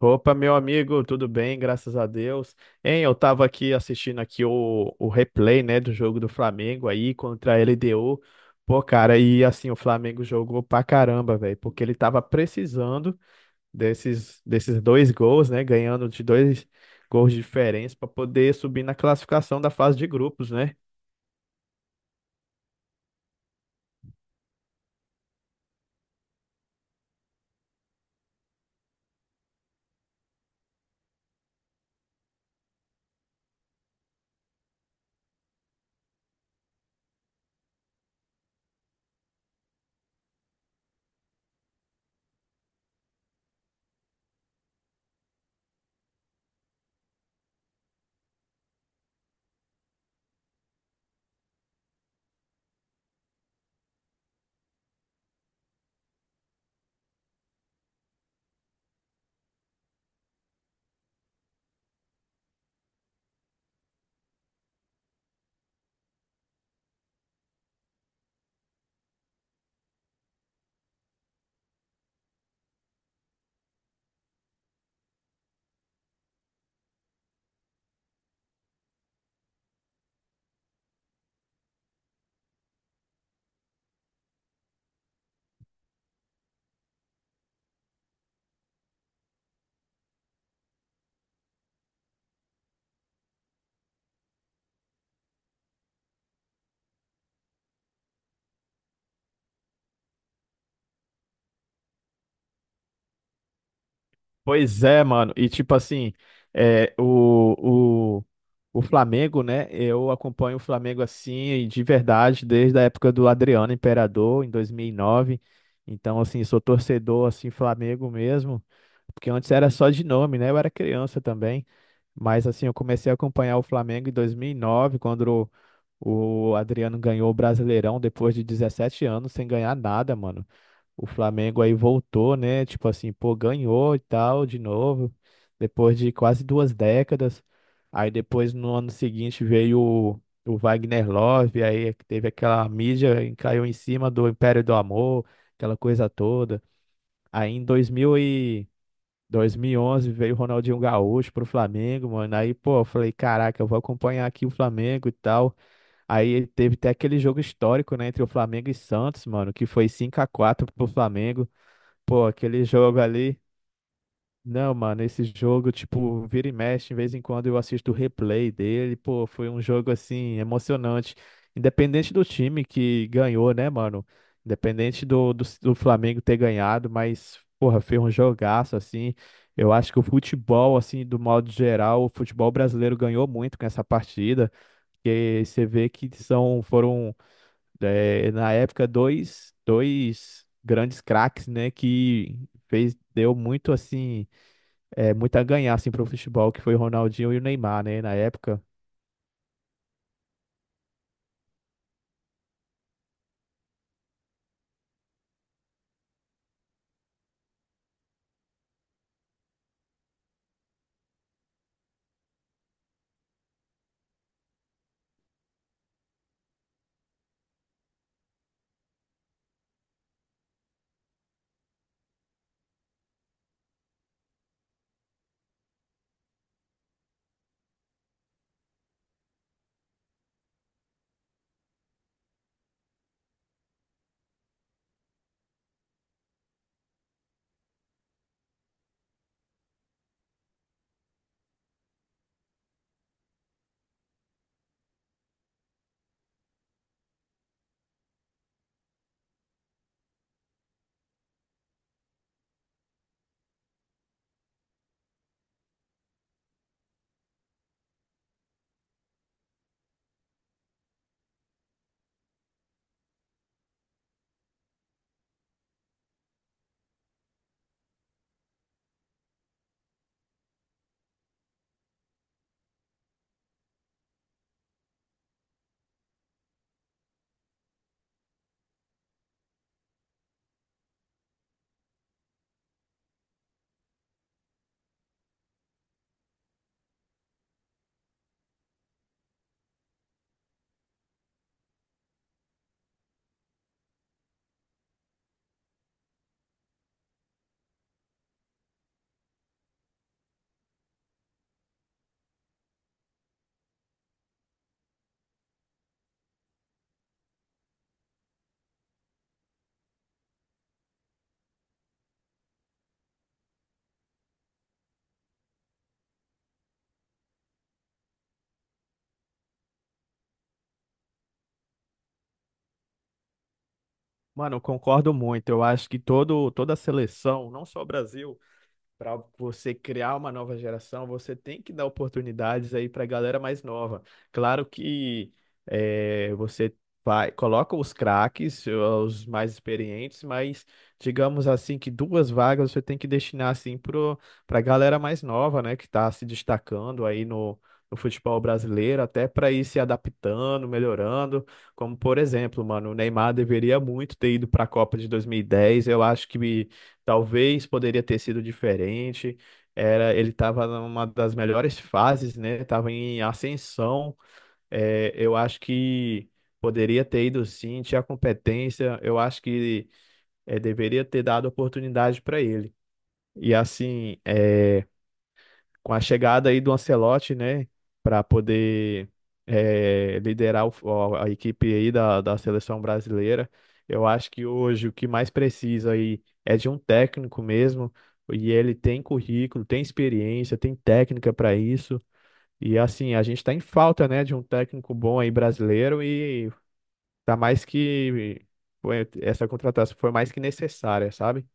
Opa, meu amigo, tudo bem? Graças a Deus. Hein, eu tava aqui assistindo aqui o replay, né, do jogo do Flamengo aí contra a LDU. Pô, cara, e assim, o Flamengo jogou pra caramba, velho, porque ele tava precisando desses dois gols, né, ganhando de dois gols de diferença pra poder subir na classificação da fase de grupos, né? Pois é, mano. E tipo assim, é, o, o, o Flamengo, né? Eu acompanho o Flamengo assim, de verdade, desde a época do Adriano Imperador, em 2009. Então, assim, sou torcedor, assim, Flamengo mesmo. Porque antes era só de nome, né? Eu era criança também. Mas, assim, eu comecei a acompanhar o Flamengo em 2009 quando o Adriano ganhou o Brasileirão, depois de 17 anos, sem ganhar nada, mano. O Flamengo aí voltou, né? Tipo assim, pô, ganhou e tal, de novo, depois de quase duas décadas. Aí depois, no ano seguinte, veio o Wagner Love, aí teve aquela mídia, e caiu em cima do Império do Amor, aquela coisa toda. Aí em 2011 veio o Ronaldinho Gaúcho pro Flamengo, mano. Aí, pô, eu falei, caraca, eu vou acompanhar aqui o Flamengo e tal. Aí teve até aquele jogo histórico, né, entre o Flamengo e Santos, mano, que foi 5-4 pro Flamengo. Pô, aquele jogo ali. Não, mano, esse jogo, tipo, vira e mexe, de vez em quando eu assisto o replay dele. Pô, foi um jogo, assim, emocionante. Independente do time que ganhou, né, mano? Independente do Flamengo ter ganhado, mas, porra, foi um jogaço, assim. Eu acho que o futebol, assim, do modo geral, o futebol brasileiro ganhou muito com essa partida. E você vê que foram é, na época, dois grandes craques, né, que deu muito, assim, muito a ganhar, assim, pro futebol, que foi o Ronaldinho e o Neymar, né, na época. Mano, eu concordo muito. Eu acho que toda a seleção, não só o Brasil, para você criar uma nova geração, você tem que dar oportunidades aí para a galera mais nova. Claro que você vai, coloca os craques, os mais experientes, mas digamos assim que duas vagas você tem que destinar assim para a galera mais nova, né, que está se destacando aí No futebol brasileiro, até para ir se adaptando, melhorando. Como, por exemplo, mano, o Neymar deveria muito ter ido para a Copa de 2010. Eu acho que talvez poderia ter sido diferente. Era, ele estava numa das melhores fases, né? Estava em ascensão. É, eu acho que poderia ter ido sim, tinha competência. Eu acho que deveria ter dado oportunidade para ele. E assim, é, com a chegada aí do Ancelotti, né, para poder liderar o a equipe aí da seleção brasileira, eu acho que hoje o que mais precisa aí é de um técnico mesmo, e ele tem currículo, tem experiência, tem técnica para isso, e assim, a gente está em falta, né, de um técnico bom aí brasileiro, e tá mais que, essa contratação foi mais que necessária, sabe?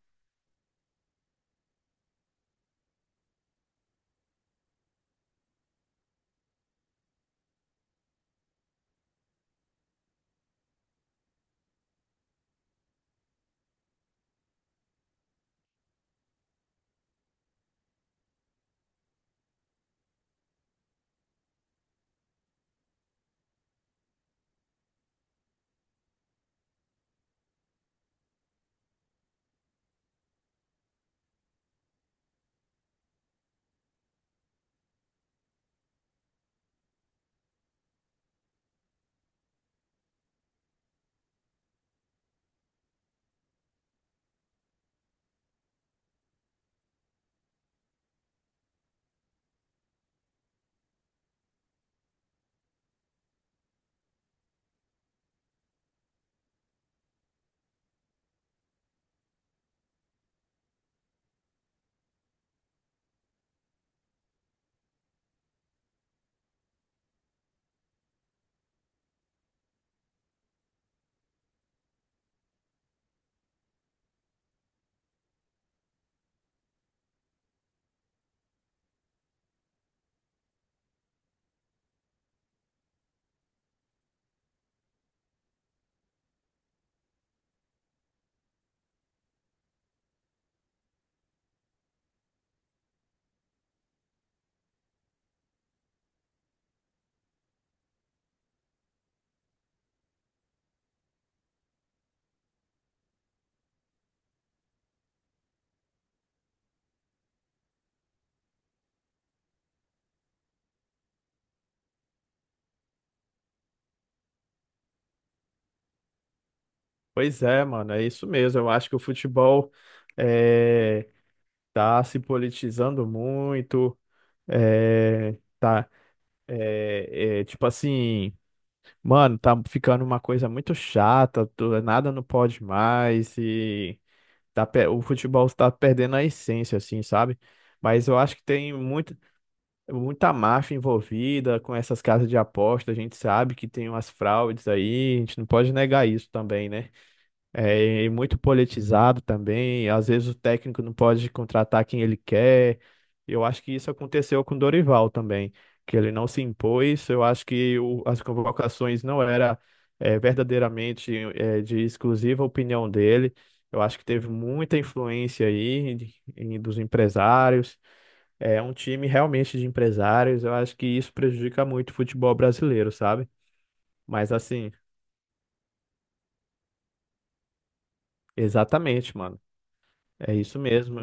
Pois é, mano, é isso mesmo, eu acho que o futebol... eh, tá se politizando muito, é, tá, tipo assim, mano, tá ficando uma coisa muito chata, nada não pode mais e o futebol tá perdendo a essência, assim, sabe? Mas eu acho que muita máfia envolvida com essas casas de aposta, a gente sabe que tem umas fraudes aí, a gente não pode negar isso também, né? É, e muito politizado também. Às vezes o técnico não pode contratar quem ele quer. Eu acho que isso aconteceu com o Dorival também, que ele não se impôs. Eu acho que as convocações não era verdadeiramente de exclusiva opinião dele. Eu acho que teve muita influência dos empresários. É um time realmente de empresários. Eu acho que isso prejudica muito o futebol brasileiro, sabe? Mas assim, exatamente, mano. É isso mesmo.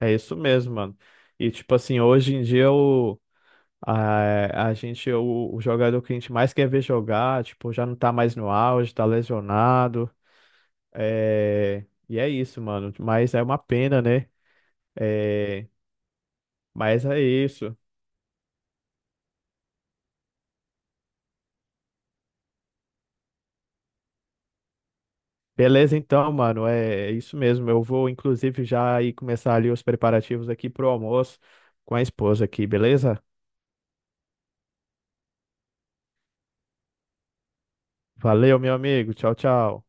É isso mesmo, mano. E tipo assim, hoje em dia a gente, o jogador que a gente mais quer ver jogar, tipo, já não tá mais no auge, tá lesionado. É, e é isso, mano. Mas é uma pena, né? É, mas é isso. Beleza, então, mano. É, é isso mesmo. Eu vou, inclusive, já ir começar ali os preparativos aqui pro almoço com a esposa aqui, beleza? Valeu, meu amigo. Tchau, tchau.